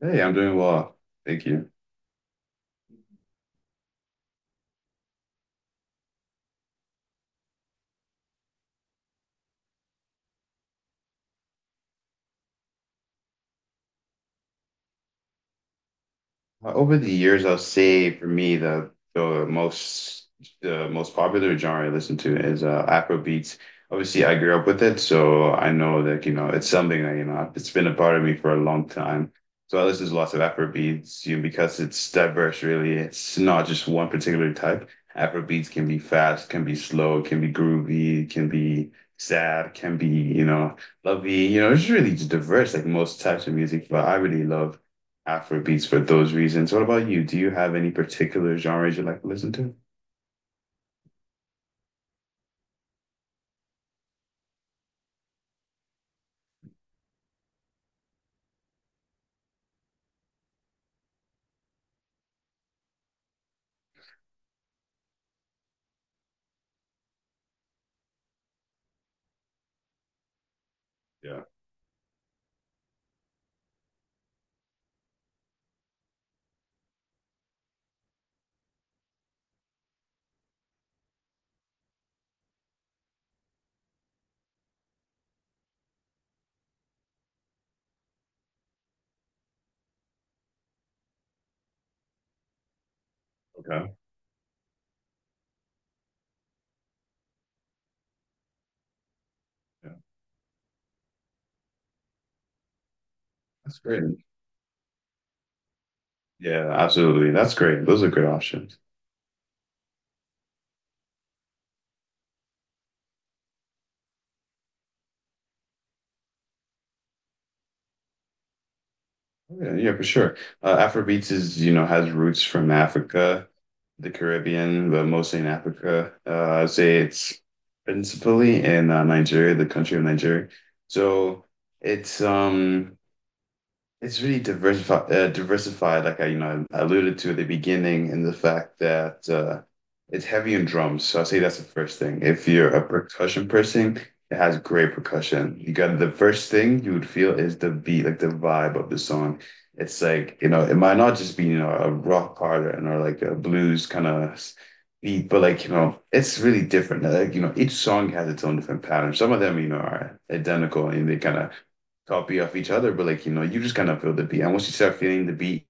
Hey, I'm doing well. Thank you. Over the years, I'll say for me the most popular genre I listen to is Afrobeats. Obviously, I grew up with it, so I know that it's something that it's been a part of me for a long time. So I listen to lots of Afrobeats, because it's diverse, really. It's not just one particular type. Afrobeats can be fast, can be slow, can be groovy, can be sad, can be lovey. It's really just diverse, like most types of music. But I really love Afrobeats for those reasons. What about you? Do you have any particular genres you like to listen to? Yeah. Okay. Yeah. That's great. Yeah, absolutely. That's great. Those are good options. Yeah, yeah, for sure. Afrobeats is, has roots from Africa, the Caribbean, but mostly in Africa. I'd say it's principally in Nigeria, the country of Nigeria. So it's um it's really diversified, like I, alluded to at the beginning, and the fact that it's heavy in drums. So I say that's the first thing. If you're a percussion person, it has great percussion. You got the first thing you would feel is the beat, like the vibe of the song. It's like, it might not just be, a rock pattern or like a blues kind of beat, but like, it's really different. Like, each song has its own different pattern. Some of them, are identical and they kind of copy of each other, but like, you just kind of feel the beat. And once you start feeling the beat,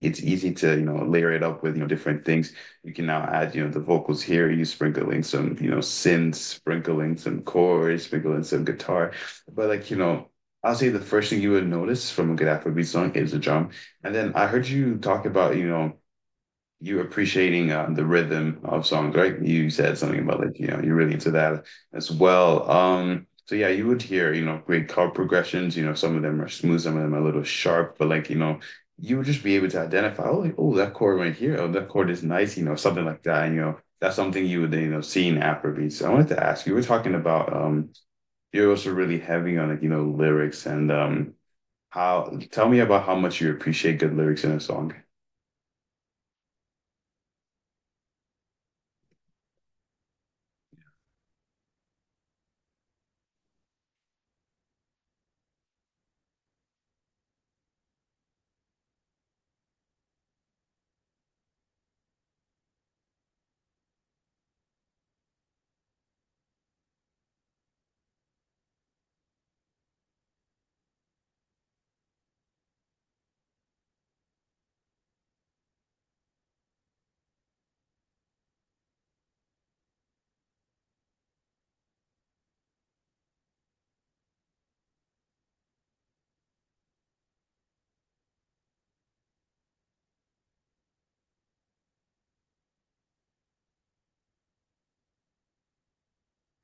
it's easy to, layer it up with, different things. You can now add, the vocals here, you sprinkling some, synths, sprinkling some chords, sprinkling some guitar. But like, I'll say the first thing you would notice from a good Afrobeat song is the drum. And then I heard you talk about, you appreciating the rhythm of songs, right? You said something about like, you're really into that as well. So yeah, you would hear, great chord progressions. Some of them are smooth, some of them are a little sharp, but like, you would just be able to identify, oh, like, oh, that chord right here, oh, that chord is nice, something like that. And, that's something you would, see in Afrobeats. So I wanted to ask, you were talking about, you're also really heavy on like, lyrics and, how, tell me about how much you appreciate good lyrics in a song.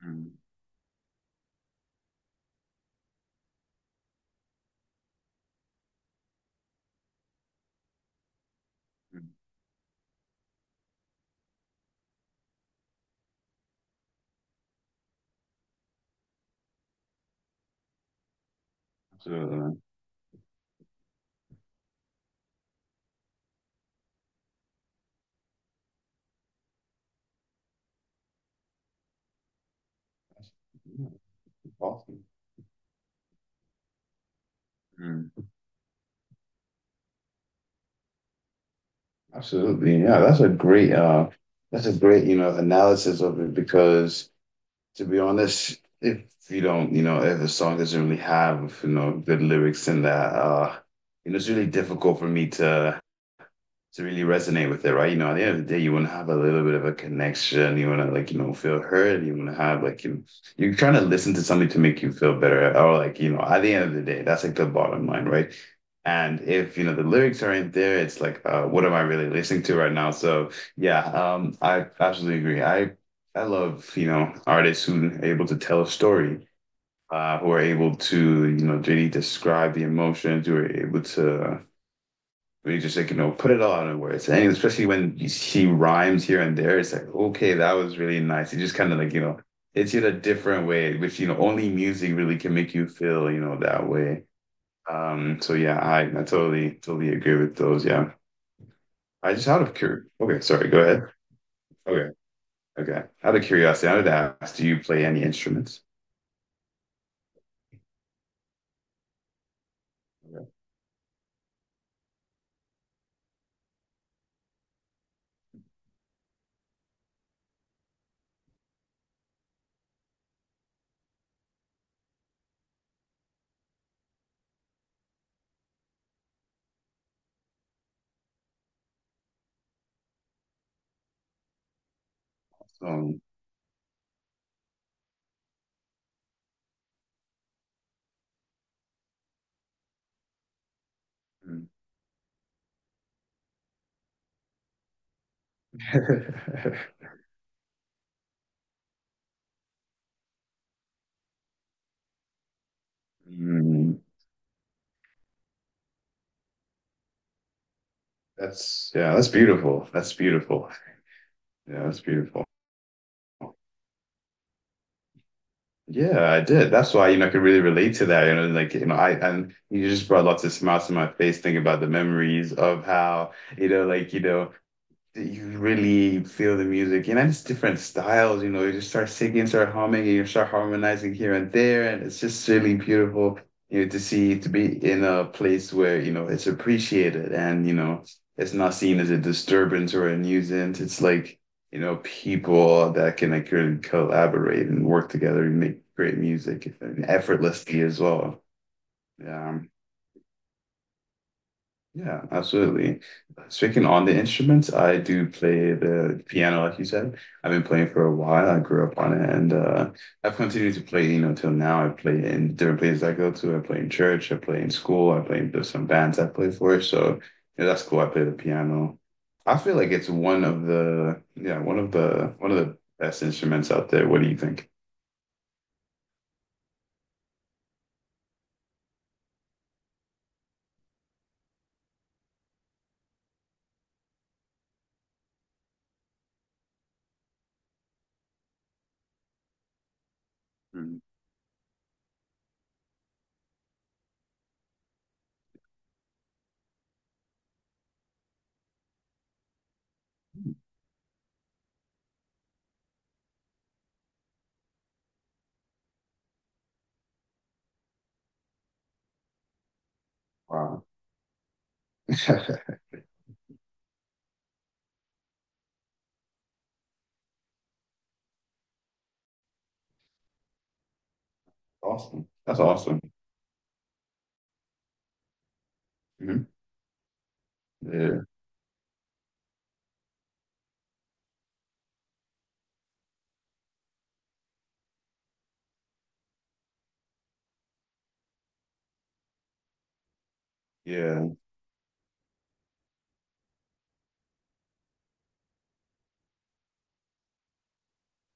Mm, mm, absolutely. Awesome. Mm. Absolutely. Yeah, that's a great, analysis of it because to be honest, if you don't, if a song doesn't really have, good lyrics in that, it's really difficult for me to really resonate with it, right? You know, at the end of the day, you want to have a little bit of a connection. You want to like, feel heard. You want to have like, you're trying to listen to something to make you feel better, or like, at the end of the day, that's like the bottom line, right? And if you know the lyrics aren't there, it's like, what am I really listening to right now? So yeah, I absolutely agree. I love artists who are able to tell a story, who are able to really describe the emotions, who are able to we just like, put it all in words. And especially when she rhymes here and there, it's like, okay, that was really nice. It just kind of like, it's in a different way, which, only music really can make you feel, that way. So yeah, I totally, totally agree with those. Yeah. I just out of cur Okay, sorry, go ahead. Okay, okay. Out of curiosity, I would ask, do you play any instruments? Okay. Um, mm, that's yeah, that's beautiful. That's beautiful. Yeah, that's beautiful. Yeah, I did. That's why, I could really relate to that. Like, I and you just brought lots of smiles to my face thinking about the memories of how, like, you really feel the music, it's different styles, you just start singing, start humming, and you start harmonizing here and there, and it's just really beautiful, to be in a place where, it's appreciated and, it's not seen as a disturbance or a nuisance. It's like, people that can like really collaborate and work together and make great music and effortlessly as well. Yeah. Yeah, absolutely. Speaking on the instruments, I do play the piano, like you said. I've been playing for a while. I grew up on it, and I've continued to play, till now. I play in different places I go to. I play in church. I play in school. I play in there's some bands I play for. So, yeah, that's cool. I play the piano. I feel like it's one of the best instruments out there. What do you think? Mm. Wow. Awesome. That's awesome. Mhm. Yeah. Yeah.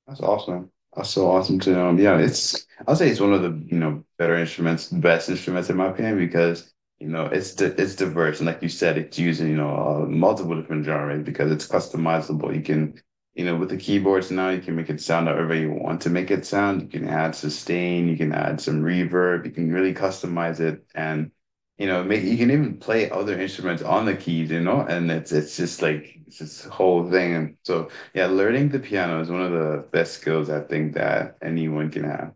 That's awesome. That's so awesome to know. Yeah, it's I'll say it's one of the, better instruments, best instruments in my opinion because, it's diverse and like you said, it's using, multiple different genres because it's customizable. You can, with the keyboards now, you can make it sound however you want to make it sound. You can add sustain, you can add some reverb, you can really customize it and make you can even play other instruments on the keys, and it's just like it's this whole thing. So yeah, learning the piano is one of the best skills I think that anyone can have.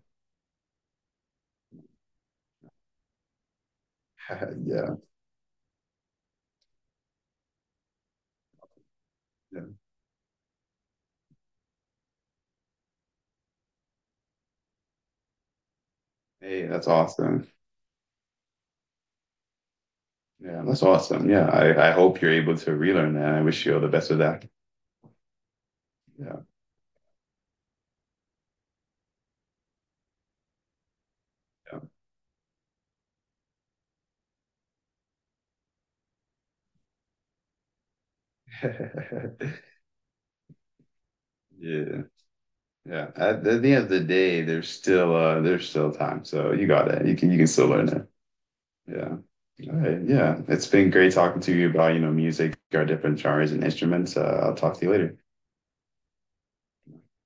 Yeah, yeah. Hey, that's awesome. Yeah, that's awesome. Yeah, I hope you're able to relearn that. I wish you all the best with that. Yeah, yeah, yeah. Yeah. At the end of the day, there's still time, so you got it. You can still learn it. Yeah. All right. Yeah, it's been great talking to you about, music, our different genres and instruments. I'll talk to you later.